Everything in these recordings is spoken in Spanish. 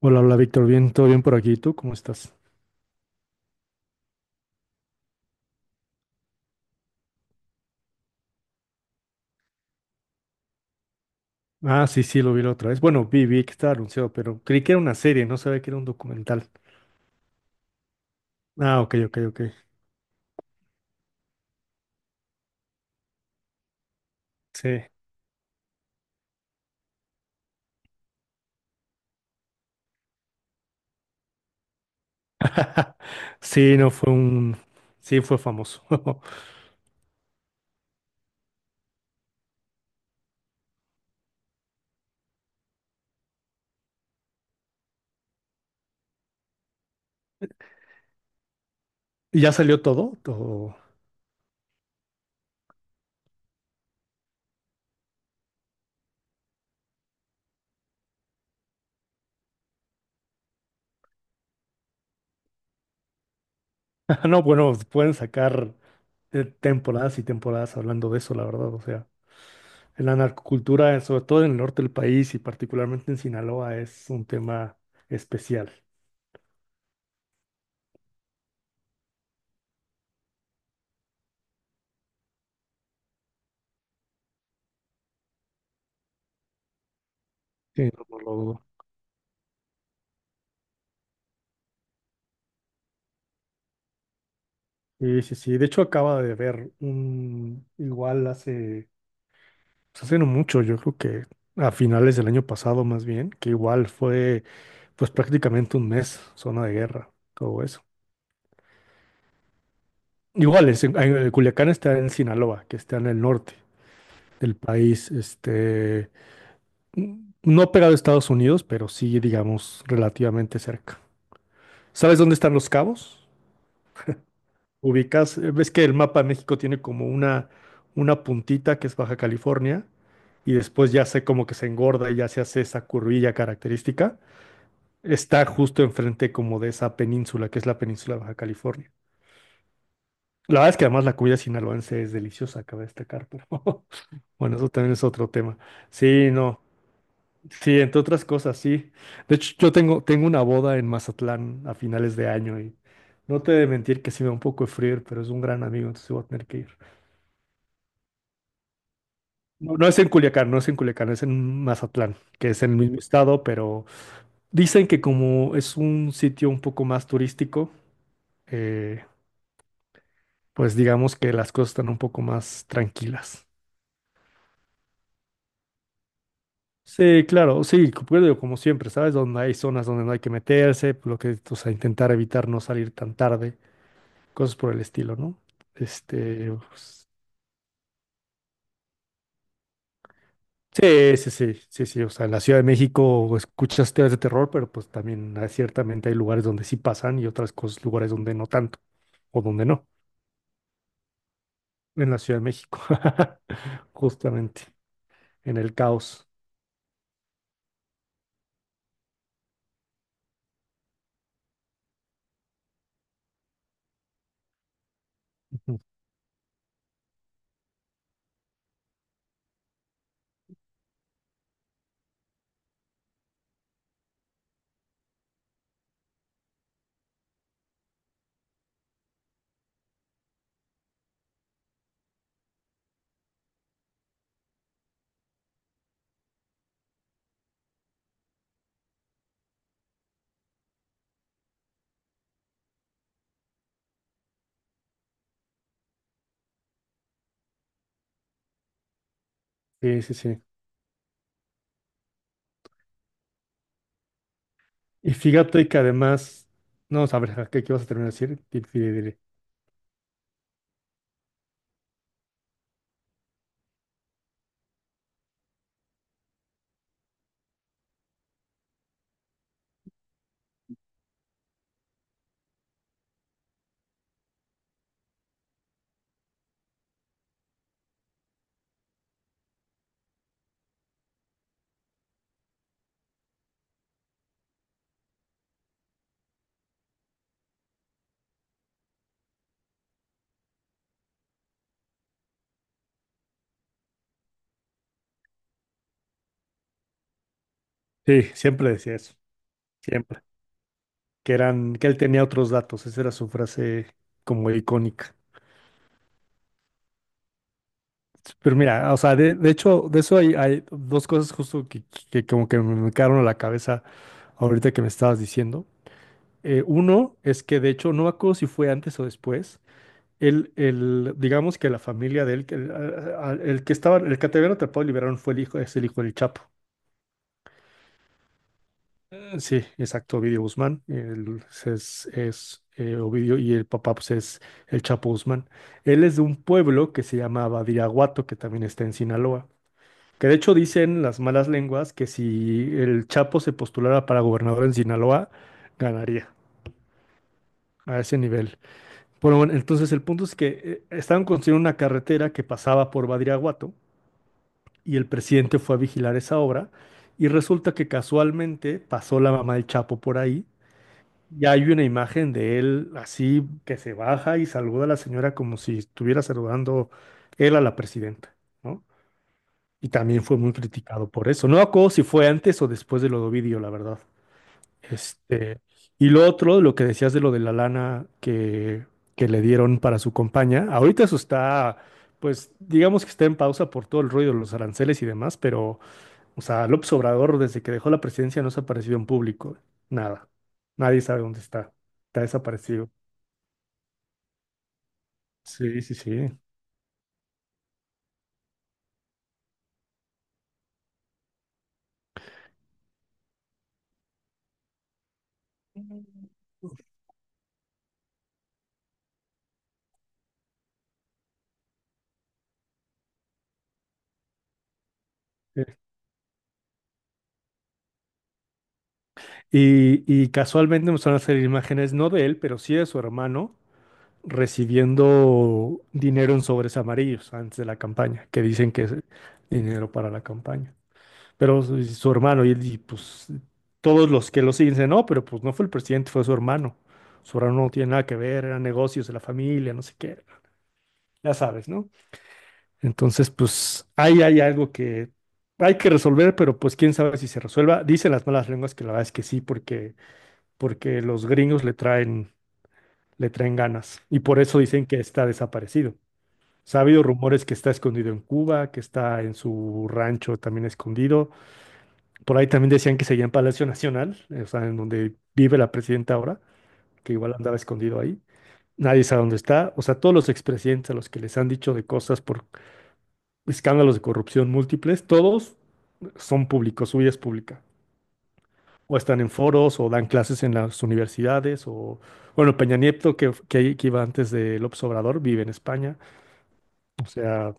Hola, hola Víctor, bien, todo bien por aquí. ¿Y tú cómo estás? Ah, sí, sí, lo vi la otra vez. Bueno, vi que estaba anunciado, pero creí que era una serie, no sabía que era un documental. Ah, ok, ok, ok. Sí. Sí, no fue un. Sí, fue famoso. ¿Y ya salió todo? Todo- No, bueno, pueden sacar temporadas y temporadas hablando de eso, la verdad. O sea, la narcocultura, sobre todo en el norte del país y particularmente en Sinaloa, es un tema especial. Sí, no, no lo dudo. Sí, sí, sí. De hecho, acaba de ver un, igual hace, pues, hace no mucho, yo creo que a finales del año pasado más bien, que igual fue pues prácticamente un mes zona de guerra, todo eso. Igual, es Culiacán está en Sinaloa, que está en el norte del país, este, n- no pegado a Estados Unidos, pero sí, digamos, relativamente cerca. ¿Sabes dónde están los cabos? Ubicas, ves que el mapa de México tiene como una puntita que es Baja California y después ya se como que se engorda y ya se hace esa curvilla característica. Está justo enfrente como de esa península que es la península de Baja California. La verdad es que además la comida sinaloense es deliciosa, cabe destacar, pero bueno, eso también es otro tema. Sí, no. Sí, entre otras cosas, sí. De hecho, yo tengo una boda en Mazatlán a finales de año y no te he de mentir que sí me da un poco de frío, pero es un gran amigo, entonces voy a tener que ir. No, no es en Culiacán, no es en Culiacán, es en Mazatlán, que es en el mismo estado, pero dicen que como es un sitio un poco más turístico, eh, pues digamos que las cosas están un poco más tranquilas. Sí, claro, sí, co- pues digo, como siempre, ¿sabes? Donde hay zonas donde no hay que meterse, lo que, o sea, intentar evitar no salir tan tarde, cosas por el estilo, ¿no? Este, pues, sí, sí, sí, sí, sí. O sea, en la Ciudad de México escuchas teorías de terror, pero pues también hay- ciertamente hay lugares donde sí pasan y otras cosas, lugares donde no tanto, o donde no, en la Ciudad de México, justamente, en el caos. Ujú. Sí, sí, sí. Y fíjate que además, no, a ver, ¿a qué, qué vas a terminar de decir? Di. Sí, siempre decía eso, siempre. Que eran, que él tenía otros datos, esa era su frase como icónica. Pero mira, o sea, de hecho, de eso hay, hay dos cosas justo que como que me quedaron a la cabeza ahorita que me estabas diciendo. Uno es que de hecho, no me acuerdo si fue antes o después, digamos que la familia de él, que el, a- el que estaba, el que te habían atrapado y liberaron fue el hijo, es el hijo del Chapo. Sí, exacto, Ovidio Guzmán, él es, es Ovidio y el papá pues es el Chapo Guzmán. Él es de un pueblo que se llama Badiraguato, que también está en Sinaloa. Que de hecho dicen las malas lenguas que si el Chapo se postulara para gobernador en Sinaloa, ganaría a ese nivel. Bueno, entonces el punto es que estaban construyendo una carretera que pasaba por Badiraguato y el presidente fue a vigilar esa obra y resulta que casualmente pasó la mamá del Chapo por ahí y hay una imagen de él así que se baja y saluda a la señora como si estuviera saludando él a la presidenta, ¿no? Y también fue muy criticado por eso. No me acuerdo si fue antes o después de lo de Ovidio, la verdad. Este, y lo otro, lo que decías de lo de la lana que le dieron para su compañía, ahorita eso está, pues digamos que está en pausa por todo el ruido de los aranceles y demás, pero, o sea, López Obrador desde que dejó la presidencia no se ha aparecido en público, nada. Nadie sabe dónde está. Está desaparecido. Sí, sí, sí. Y casualmente empezaron a hacer imágenes, no de él, pero sí de su hermano recibiendo dinero en sobres amarillos antes de la campaña, que dicen que es dinero para la campaña. Pero su hermano, pues todos los que lo siguen dicen, no, pero pues no fue el presidente, fue su hermano. Su hermano no tiene nada que ver, eran negocios de la familia, no sé qué, ya sabes, ¿no? Entonces, pues ahí hay algo que hay que resolver, pero pues quién sabe si se resuelva. Dicen las malas lenguas que la verdad es que sí, porque, porque los gringos le traen ganas y por eso dicen que está desaparecido. Sea, ha habido rumores que está escondido en Cuba, que está en su rancho también escondido. Por ahí también decían que seguía en Palacio Nacional, o sea, en donde vive la presidenta ahora, que igual andaba escondido ahí. Nadie sabe dónde está. O sea, todos los expresidentes a los que les han dicho de cosas por escándalos de corrupción múltiples, todos son públicos, su vida es pública. O están en foros, o dan clases en las universidades, o, bueno, Peña Nieto, que iba antes de López Obrador, vive en España. O sea,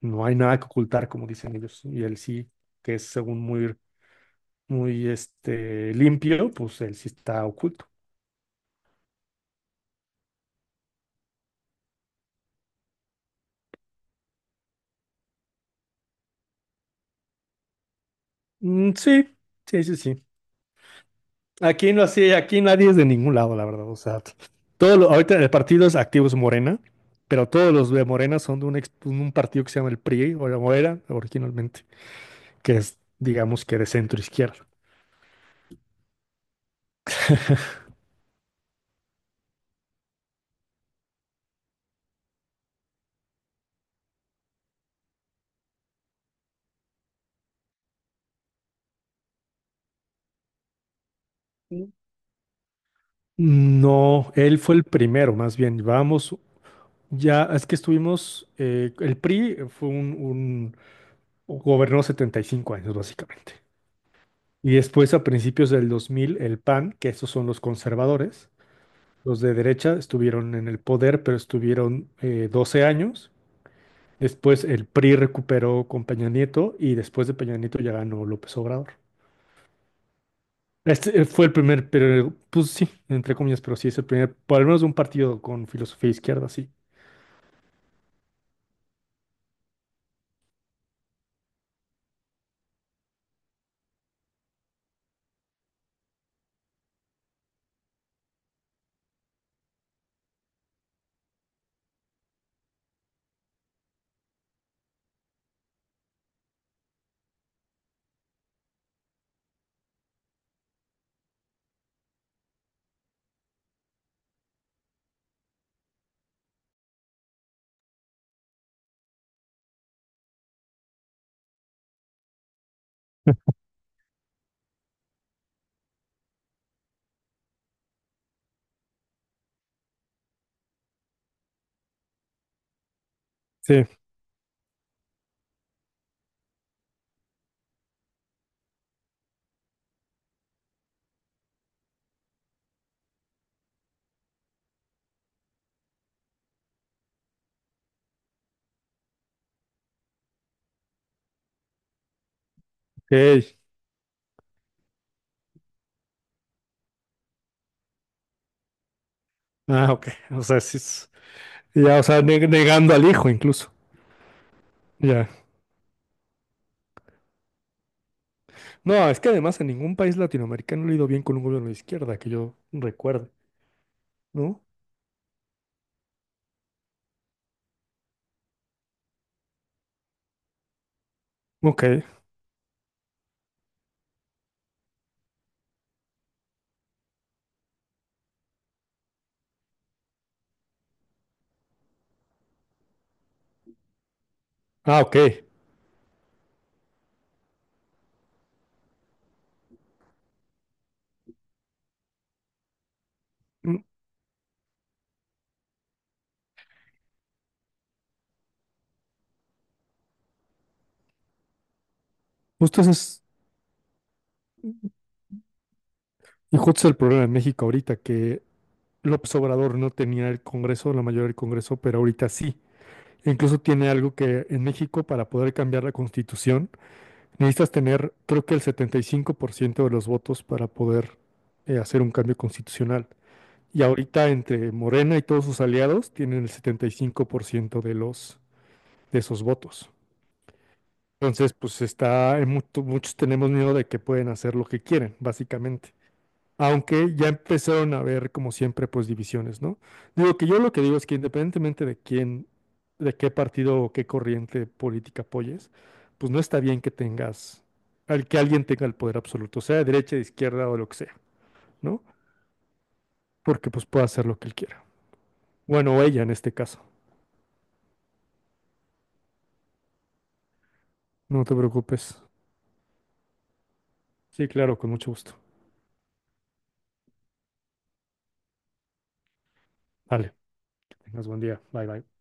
no hay nada que ocultar, como dicen ellos. Y él sí, que es según muy, muy este, limpio, pues él sí está oculto. Mm, sí, sí, sí, sí. Aquí no así, aquí nadie es de ningún lado, la verdad. O sea, todo lo- ahorita el partido es activo es Morena, pero todos los de Morena son de un, ex- un partido que se llama el PRI, o la- o era originalmente, que es, digamos que de centro izquierda. No, él fue el primero, más bien. Vamos, ya es que estuvimos, el PRI fue un, gobernó 75 años, básicamente. Y después, a principios del 2000 el PAN, que esos son los conservadores, los de derecha estuvieron en el poder, pero estuvieron 12 años. Después el PRI recuperó con Peña Nieto y después de Peña Nieto ya ganó López Obrador. Fue el primer, pero pues sí, entre comillas, pero sí es el primer, por lo menos un partido con filosofía izquierda, sí. Sí, ok. Ah, ok. O sea, sí es- ya, o sea, neg- negando al hijo incluso. Ya no, es que además en ningún país latinoamericano le ha ido bien con un gobierno de izquierda, que yo recuerde, ¿no? Ok. Ah, ok. Mm, justo ese es, y justo es el problema en México ahorita, que López Obrador no tenía el Congreso, la mayoría del Congreso, pero ahorita sí. E incluso tiene algo que en México para poder cambiar la constitución necesitas tener, creo que el 75% de los votos para poder hacer un cambio constitucional. Y ahorita entre Morena y todos sus aliados tienen el 75% de los de esos votos. Entonces, pues está, en mucho- muchos tenemos miedo de que pueden hacer lo que quieren, básicamente. Aunque ya empezaron a haber, como siempre, pues divisiones, ¿no? Digo que yo lo que digo es que independientemente de quién, de qué partido o qué corriente política apoyes, pues no está bien que tengas, al que alguien tenga el poder absoluto, sea de derecha, de izquierda o lo que sea, ¿no? Porque pues puede hacer lo que él quiera. Bueno, o ella en este caso. No te preocupes. Sí, claro, con mucho gusto. Vale, tengas buen día. Bye, bye.